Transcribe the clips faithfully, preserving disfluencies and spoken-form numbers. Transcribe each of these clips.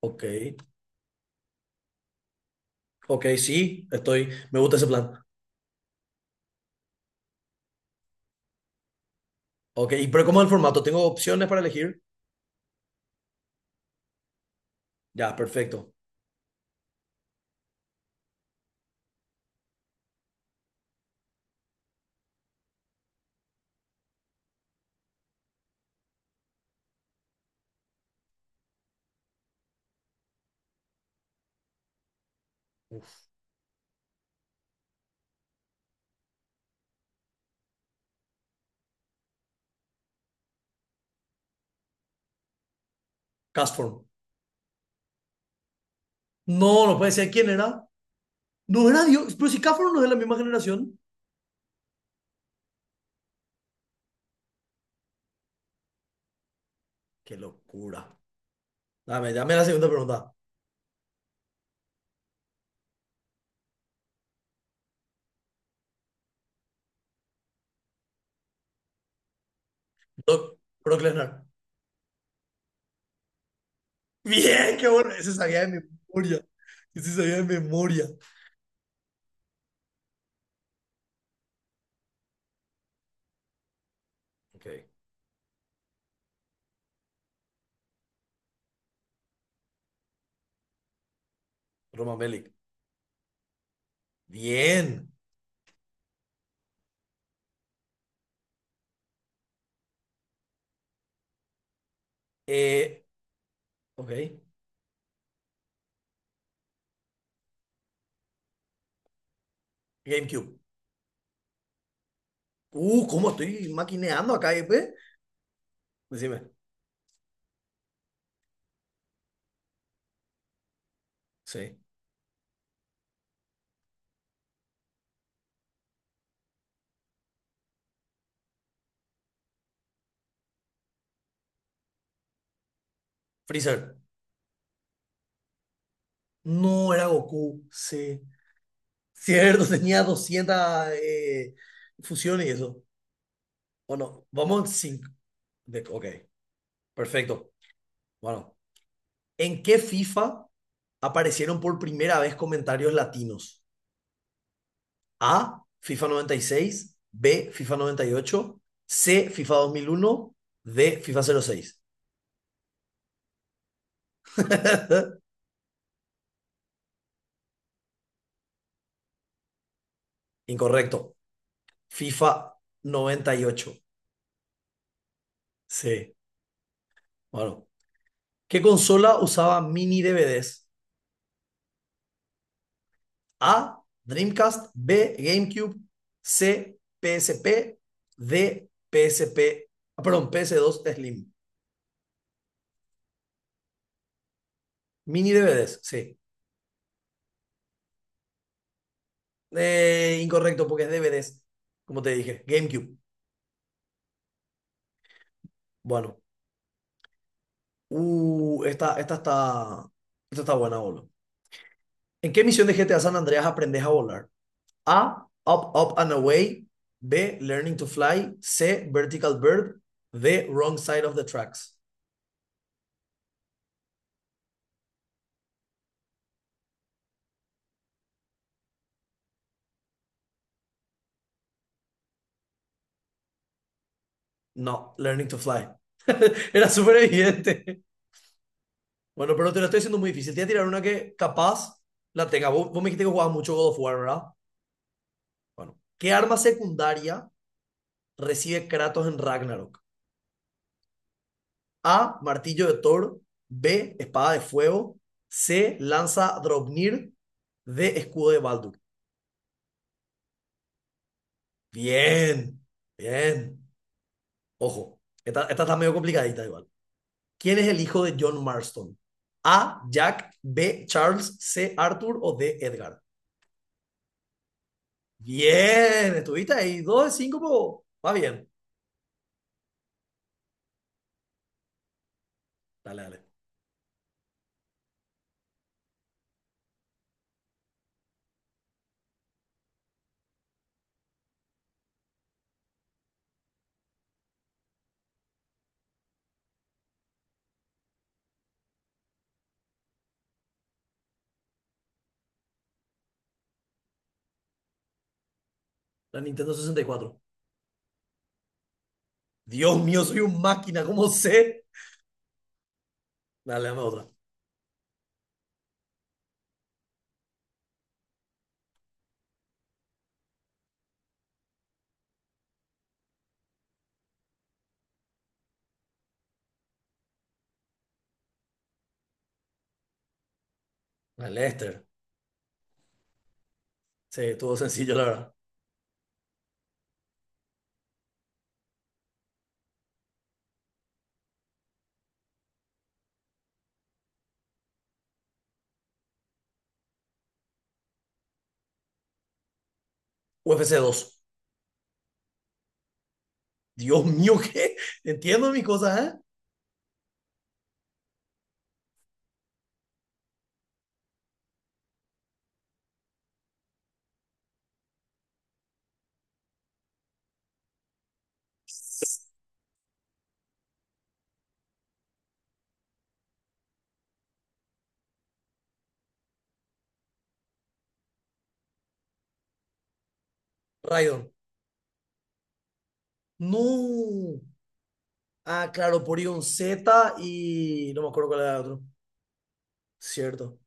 Ok, ok, sí, estoy, me gusta ese plan. Ok, ¿y pero cómo es el formato? ¿Tengo opciones para elegir? Ya, perfecto. Castform. No, no puede ser. ¿Quién era? No era Dios, pero si Castform no es de la misma generación. Qué locura. Dame, dame la segunda pregunta. Brock, Brock Lesnar. Bien, qué bueno. Ese sabía de memoria. Ese sabía de memoria. Ok, Roman Bellic. Bien. Eh, ok, GameCube. Uh, ¿cómo estoy maquineando acá, eh? Pues? Decime. Sí. Freezer. No era Goku, sí. Cierto, tenía doscientas eh, fusiones y eso. Bueno, vamos en cinco. De- ok, perfecto. Bueno, ¿en qué FIFA aparecieron por primera vez comentarios latinos? A, FIFA noventa y seis, B, FIFA noventa y ocho, C, FIFA dos mil uno, D, FIFA cero seis. Incorrecto. FIFA noventa y ocho. Sí. Bueno, ¿qué consola usaba mini D V Ds? A. Dreamcast. B. GameCube. C. P S P. D. P S P. ah, Perdón, P S dos Slim. Mini D V Ds, sí. Eh, incorrecto, porque es D V Ds. Como te dije, GameCube. Bueno. Uh, esta, esta está. Esta está buena, boludo. ¿En qué misión de G T A San Andreas aprendes a volar? A. Up, up and away. B. Learning to fly. C. Vertical bird. D. Wrong side of the tracks. No, learning to fly. Era súper evidente. Bueno, pero te lo estoy haciendo muy difícil. Te voy a tirar una que capaz la tenga. Vos, vos me dijiste que jugabas mucho God of War, ¿verdad? Bueno, ¿qué arma secundaria recibe Kratos en Ragnarok? A. Martillo de Thor. B. Espada de fuego. C. Lanza Draupnir. D. Escudo de Baldur. Bien, bien. Ojo, esta, esta está medio complicadita igual. ¿Quién es el hijo de John Marston? A. Jack. B. Charles. C. Arthur o D. Edgar. Bien, estuviste ahí. Dos de cinco, po. Va bien. Dale, dale. La Nintendo sesenta y cuatro. Dios mío, soy un máquina, ¿cómo sé? Dale, dame otra. La Lester. Sí, estuvo sencillo, la verdad. U F C dos. Dios mío, ¿qué? Entiendo mis cosas, ¿eh? Raidon. No. Ah, claro, Porygon Z y no me acuerdo cuál era el otro. Cierto.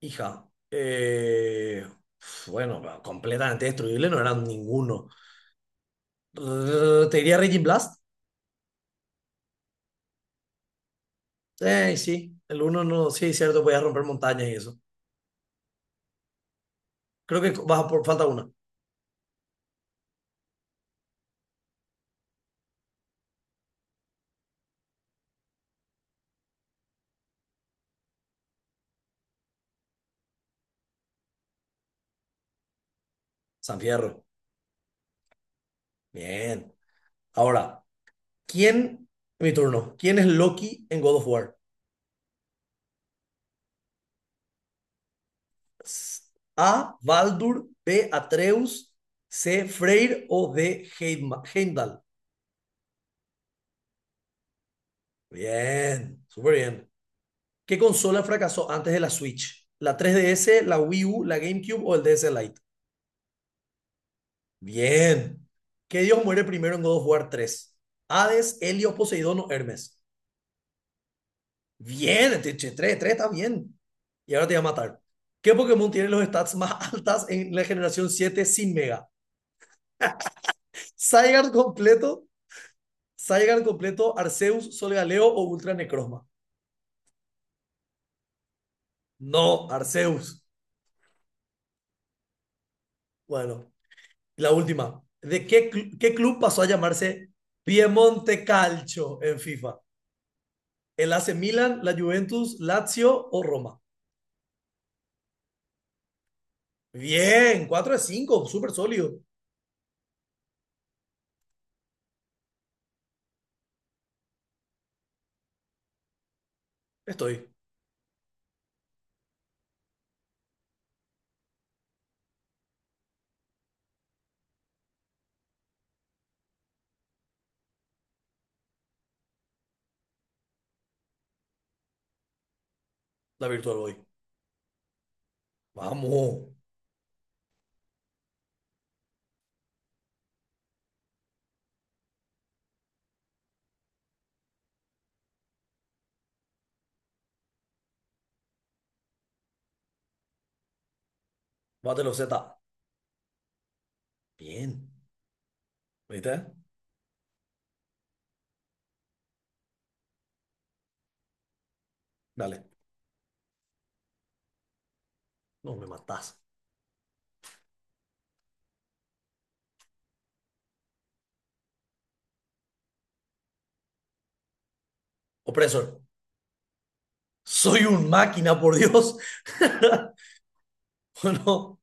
Hija. Eh, pf, bueno, completamente destruible, no eran ninguno. Rrr, te diría Raging Blast. Eh, sí, el uno no, sí, cierto, voy a romper montañas y eso. Creo que baja por falta una. San Fierro. Bien. Ahora, ¿quién? Mi turno. ¿Quién es Loki en God of War? S- A. Baldur, B. Atreus, C. Freyr o D. Heima- Heimdall. Bien, súper bien. ¿Qué consola fracasó antes de la Switch? ¿La tres D S, la Wii U, la GameCube o el D S Lite? Bien. ¿Qué dios muere primero en God of War tres? ¿Hades, Helio, Poseidón o Hermes? Bien, tres, tres está bien. Y ahora te voy a matar. ¿Qué Pokémon tiene los stats más altas en la generación siete sin Mega? Zygarde completo, Zygarde completo, Arceus, Solgaleo o Ultra Necrozma. No, Arceus. Bueno, la última. ¿De qué, cl- qué club pasó a llamarse Piemonte Calcio en FIFA? ¿El A C Milan, la Juventus, Lazio o Roma? Bien, cuatro de cinco, súper sólido. Estoy, la Virtual Boy. Vamos, bátelo Z. Bien, ¿viste? Dale, no me matás. Opresor, soy un máquina, por Dios. Bueno,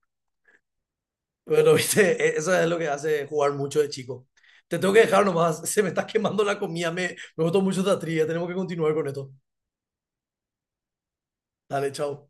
bueno, ¿viste? E- Eso es lo que hace jugar mucho de chico. Te tengo que dejar nomás, se me está quemando la comida, me, me gustó mucho esta trivia, tenemos que continuar con esto. Dale, chao.